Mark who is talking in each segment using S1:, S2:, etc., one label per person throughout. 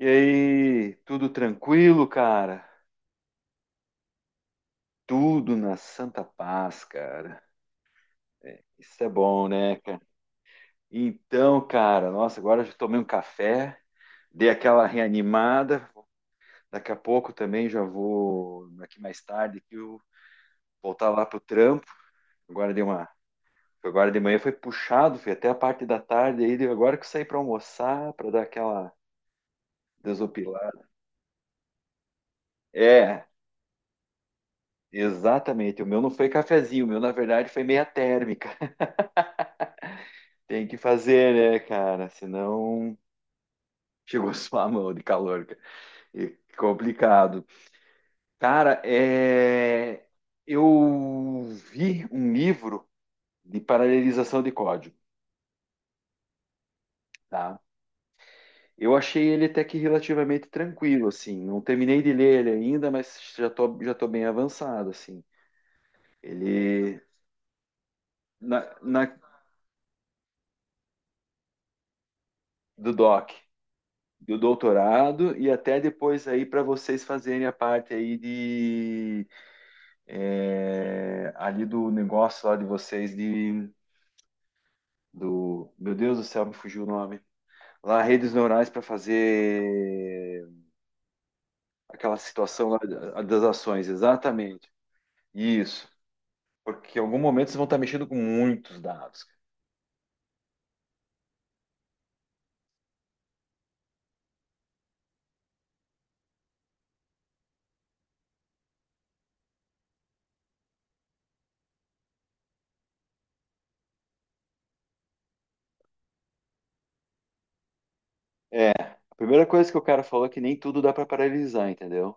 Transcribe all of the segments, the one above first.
S1: E aí, tudo tranquilo, cara? Tudo na santa paz, cara. Isso é bom, né, cara? Então, cara, nossa, agora já tomei um café, dei aquela reanimada. Daqui a pouco também já vou, aqui mais tarde, que eu voltar lá pro trampo. Agora dei uma, agora de manhã foi puxado, foi até a parte da tarde aí, agora que eu saí para almoçar, para dar aquela desopilada. É, exatamente. O meu não foi cafezinho, o meu na verdade foi meia térmica. Tem que fazer, né, cara? Senão chegou a sua mão de calor, cara. E complicado. Cara, eu vi um livro de paralelização de código, tá? Eu achei ele até que relativamente tranquilo, assim. Não terminei de ler ele ainda, mas já tô bem avançado, assim. Ele... Na, na- Do doc, do doutorado e até depois aí para vocês fazerem a parte aí, ali do negócio lá de vocês de, do meu Deus do céu, me fugiu o nome lá, redes neurais, para fazer aquela situação lá das ações, exatamente isso, porque em algum momento vocês vão estar mexendo com muitos dados, cara. A primeira coisa que o cara falou é que nem tudo dá para paralisar, entendeu?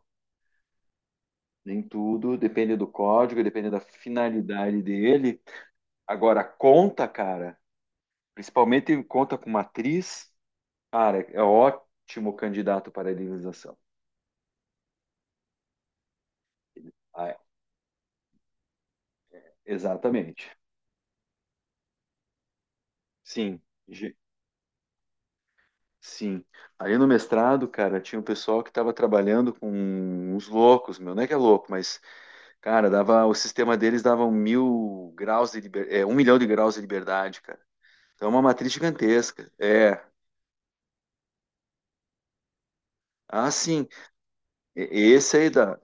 S1: Nem tudo, depende do código, depende da finalidade dele. Agora, conta, cara, principalmente conta com matriz, cara, é ótimo candidato para paralisação. Ah, exatamente. Sim. Ge- Sim. Ali no mestrado, cara, tinha um pessoal que estava trabalhando com uns loucos, meu, não é que é louco, mas, cara, o sistema deles dava um mil graus de liber, é, um milhão de graus de liberdade, cara. Então é uma matriz gigantesca. É. Ah, sim. E- Esse aí dá.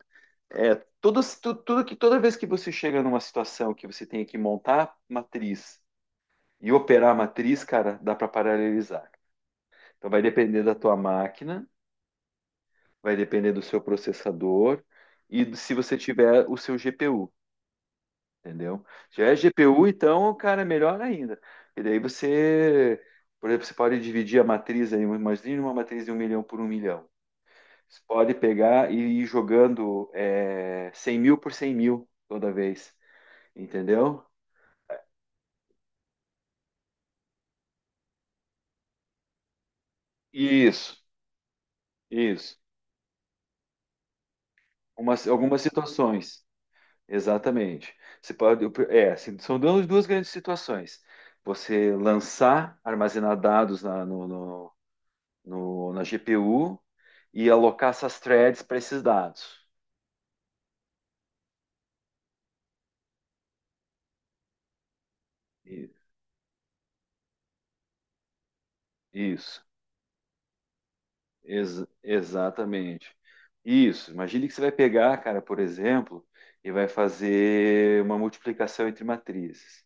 S1: É, tudo que toda vez que você chega numa situação que você tem que montar matriz e operar a matriz, cara, dá para paralelizar. Então vai depender da tua máquina, vai depender do seu processador e se você tiver o seu GPU, entendeu? Se tiver GPU, então, cara, melhor ainda. E daí você, por exemplo, você pode dividir a matriz aí, imagina uma matriz de um milhão por um milhão. Você pode pegar e ir jogando, 100 mil por 100 mil toda vez, entendeu? Isso, isso. Algumas situações. Exatamente. Você pode, assim, são duas grandes situações. Você lançar, armazenar dados na, no, no- no- na GPU e alocar essas threads para esses dados. I- Isso. Exatamente. Isso. Imagine que você vai pegar, cara, por exemplo, e vai fazer uma multiplicação entre matrizes.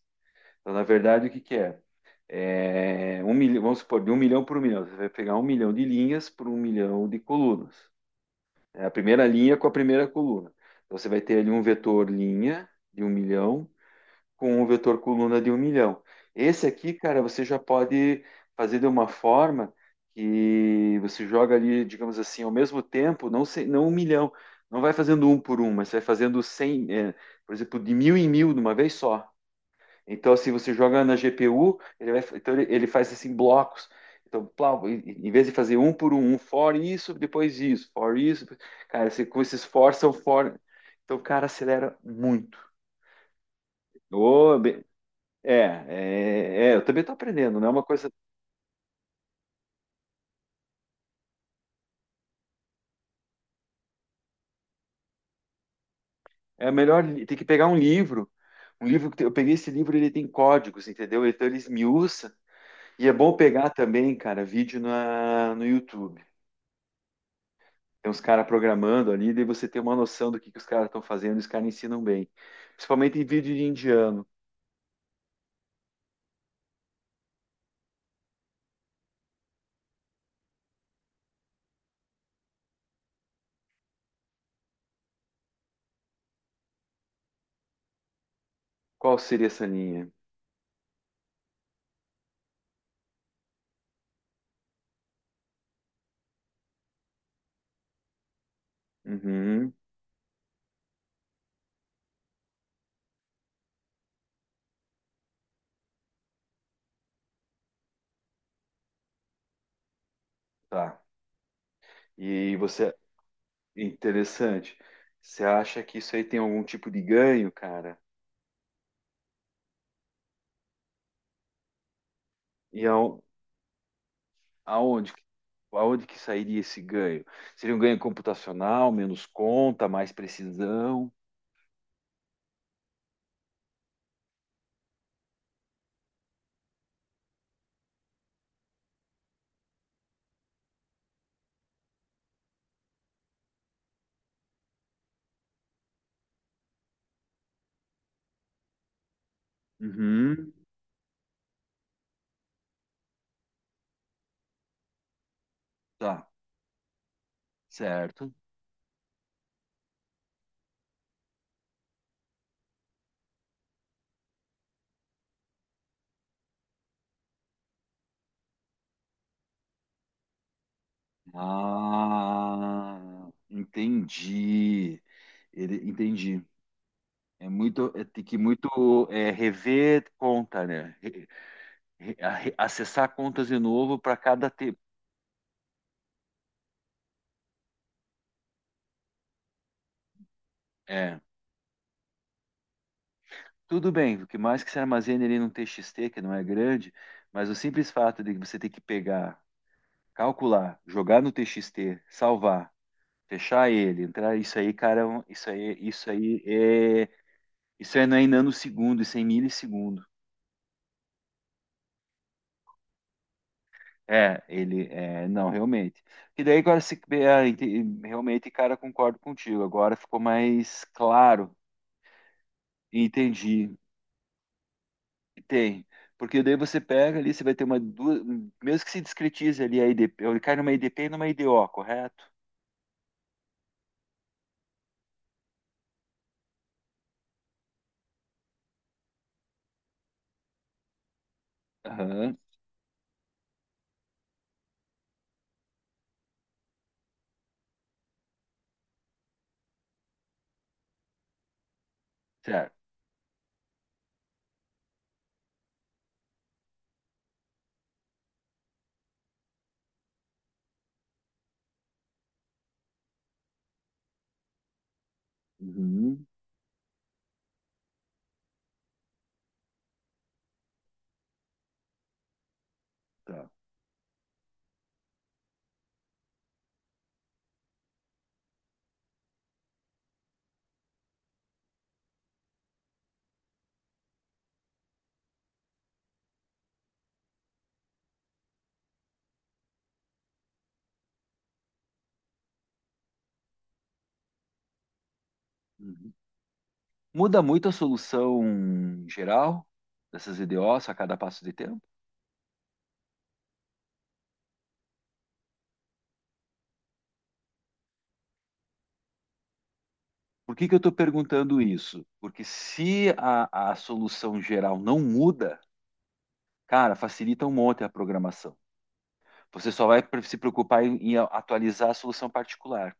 S1: Então, na verdade, o que que é? É um milhão, vamos supor, de um milhão por um milhão. Você vai pegar um milhão de linhas por um milhão de colunas. É a primeira linha com a primeira coluna. Então, você vai ter ali um vetor linha de um milhão com um vetor coluna de um milhão. Esse aqui, cara, você já pode fazer de uma forma que você joga ali, digamos assim, ao mesmo tempo, não, não um milhão. Não vai fazendo um por um, mas você vai fazendo cem, por exemplo, de mil em mil de uma vez só. Então, se você joga na GPU, ele vai, então ele faz assim blocos. Então, plá, em vez de fazer um por um, um for isso, depois isso, for isso, cara, você com esses for são for. Então, cara, acelera muito. Ô, be- é, é, é, eu também tô aprendendo, não é uma coisa. Tem que pegar um livro. Um livro eu peguei esse livro, ele tem códigos, entendeu? Então ele esmiuça. E é bom pegar também, cara, vídeo no YouTube. Tem uns caras programando ali, daí você tem uma noção do que os caras estão fazendo, e os caras ensinam bem. Principalmente em vídeo de indiano. Qual seria essa linha? Uhum, tá. E você, interessante. Você acha que isso aí tem algum tipo de ganho, cara? E ao- aonde, aonde que sairia esse ganho? Seria um ganho computacional, menos conta, mais precisão? Uhum, tá, certo. Ah, entendi. Entendi. É muito, tem que muito, rever conta, né? Acessar contas de novo para cada tipo. É, tudo bem, o que mais que se armazene ali num TXT, que não é grande, mas o simples fato de você ter que pegar, calcular, jogar no TXT, salvar, fechar ele, entrar, isso aí, cara, isso aí não é em nanosegundo, isso é em milissegundo. É, não, realmente. E daí agora, se é, ente- realmente, cara, concordo contigo. Agora ficou mais claro e entendi. Tem. Porque daí você pega ali, você vai ter mesmo que se discretize ali a IDP, ele cai numa IDP e numa IDO, correto? Aham, certo. Uhum, tá. Uhum. Muda muito a solução geral dessas IDOs a cada passo de tempo? Por que que eu estou perguntando isso? Porque se a solução geral não muda, cara, facilita um monte a programação. Você só vai se preocupar em atualizar a solução particular.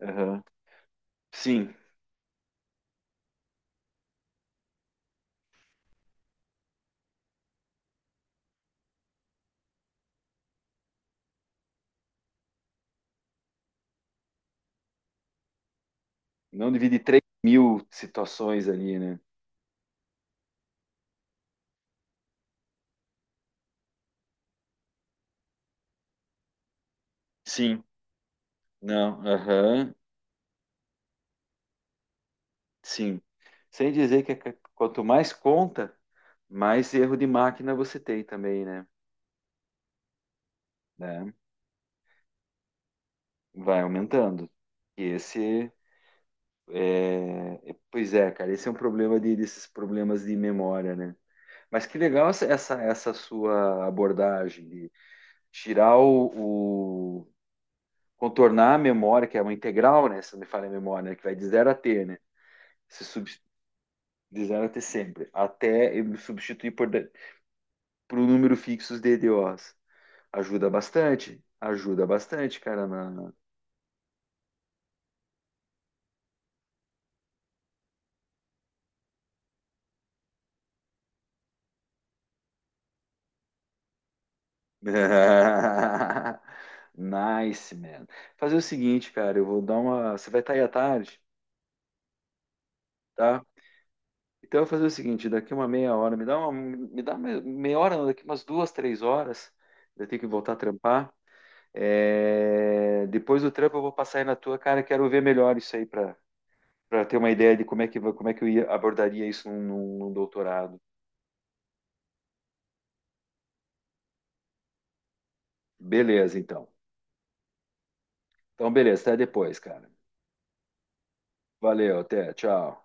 S1: Aham. Sim, não divide 3 mil situações ali, né? Sim, não, aham, sim. Sem dizer que quanto mais conta, mais erro de máquina você tem também, né? Né? Vai aumentando. E esse pois é, cara, esse é um problema desses problemas de memória, né? Mas que legal essa sua abordagem, tirar contornar a memória, que é uma integral, né? Se não me falha a memória, né, que vai de zero a t, né? Se sub, de zero a t sempre, até eu substituir por um número fixo de DDOs. Ajuda bastante, cara. Nice, man. Fazer o seguinte, cara, eu vou dar uma. Você vai estar aí à tarde, tá? Então eu vou fazer o seguinte, daqui uma meia hora, me dá meia hora, não, daqui umas duas, três horas, eu tenho que voltar a trampar. É, depois do trampo eu vou passar aí na tua, cara, quero ver melhor isso aí para ter uma ideia de como é que abordaria isso num doutorado. Beleza, então. Então, beleza, até depois, cara. Valeu, até, tchau.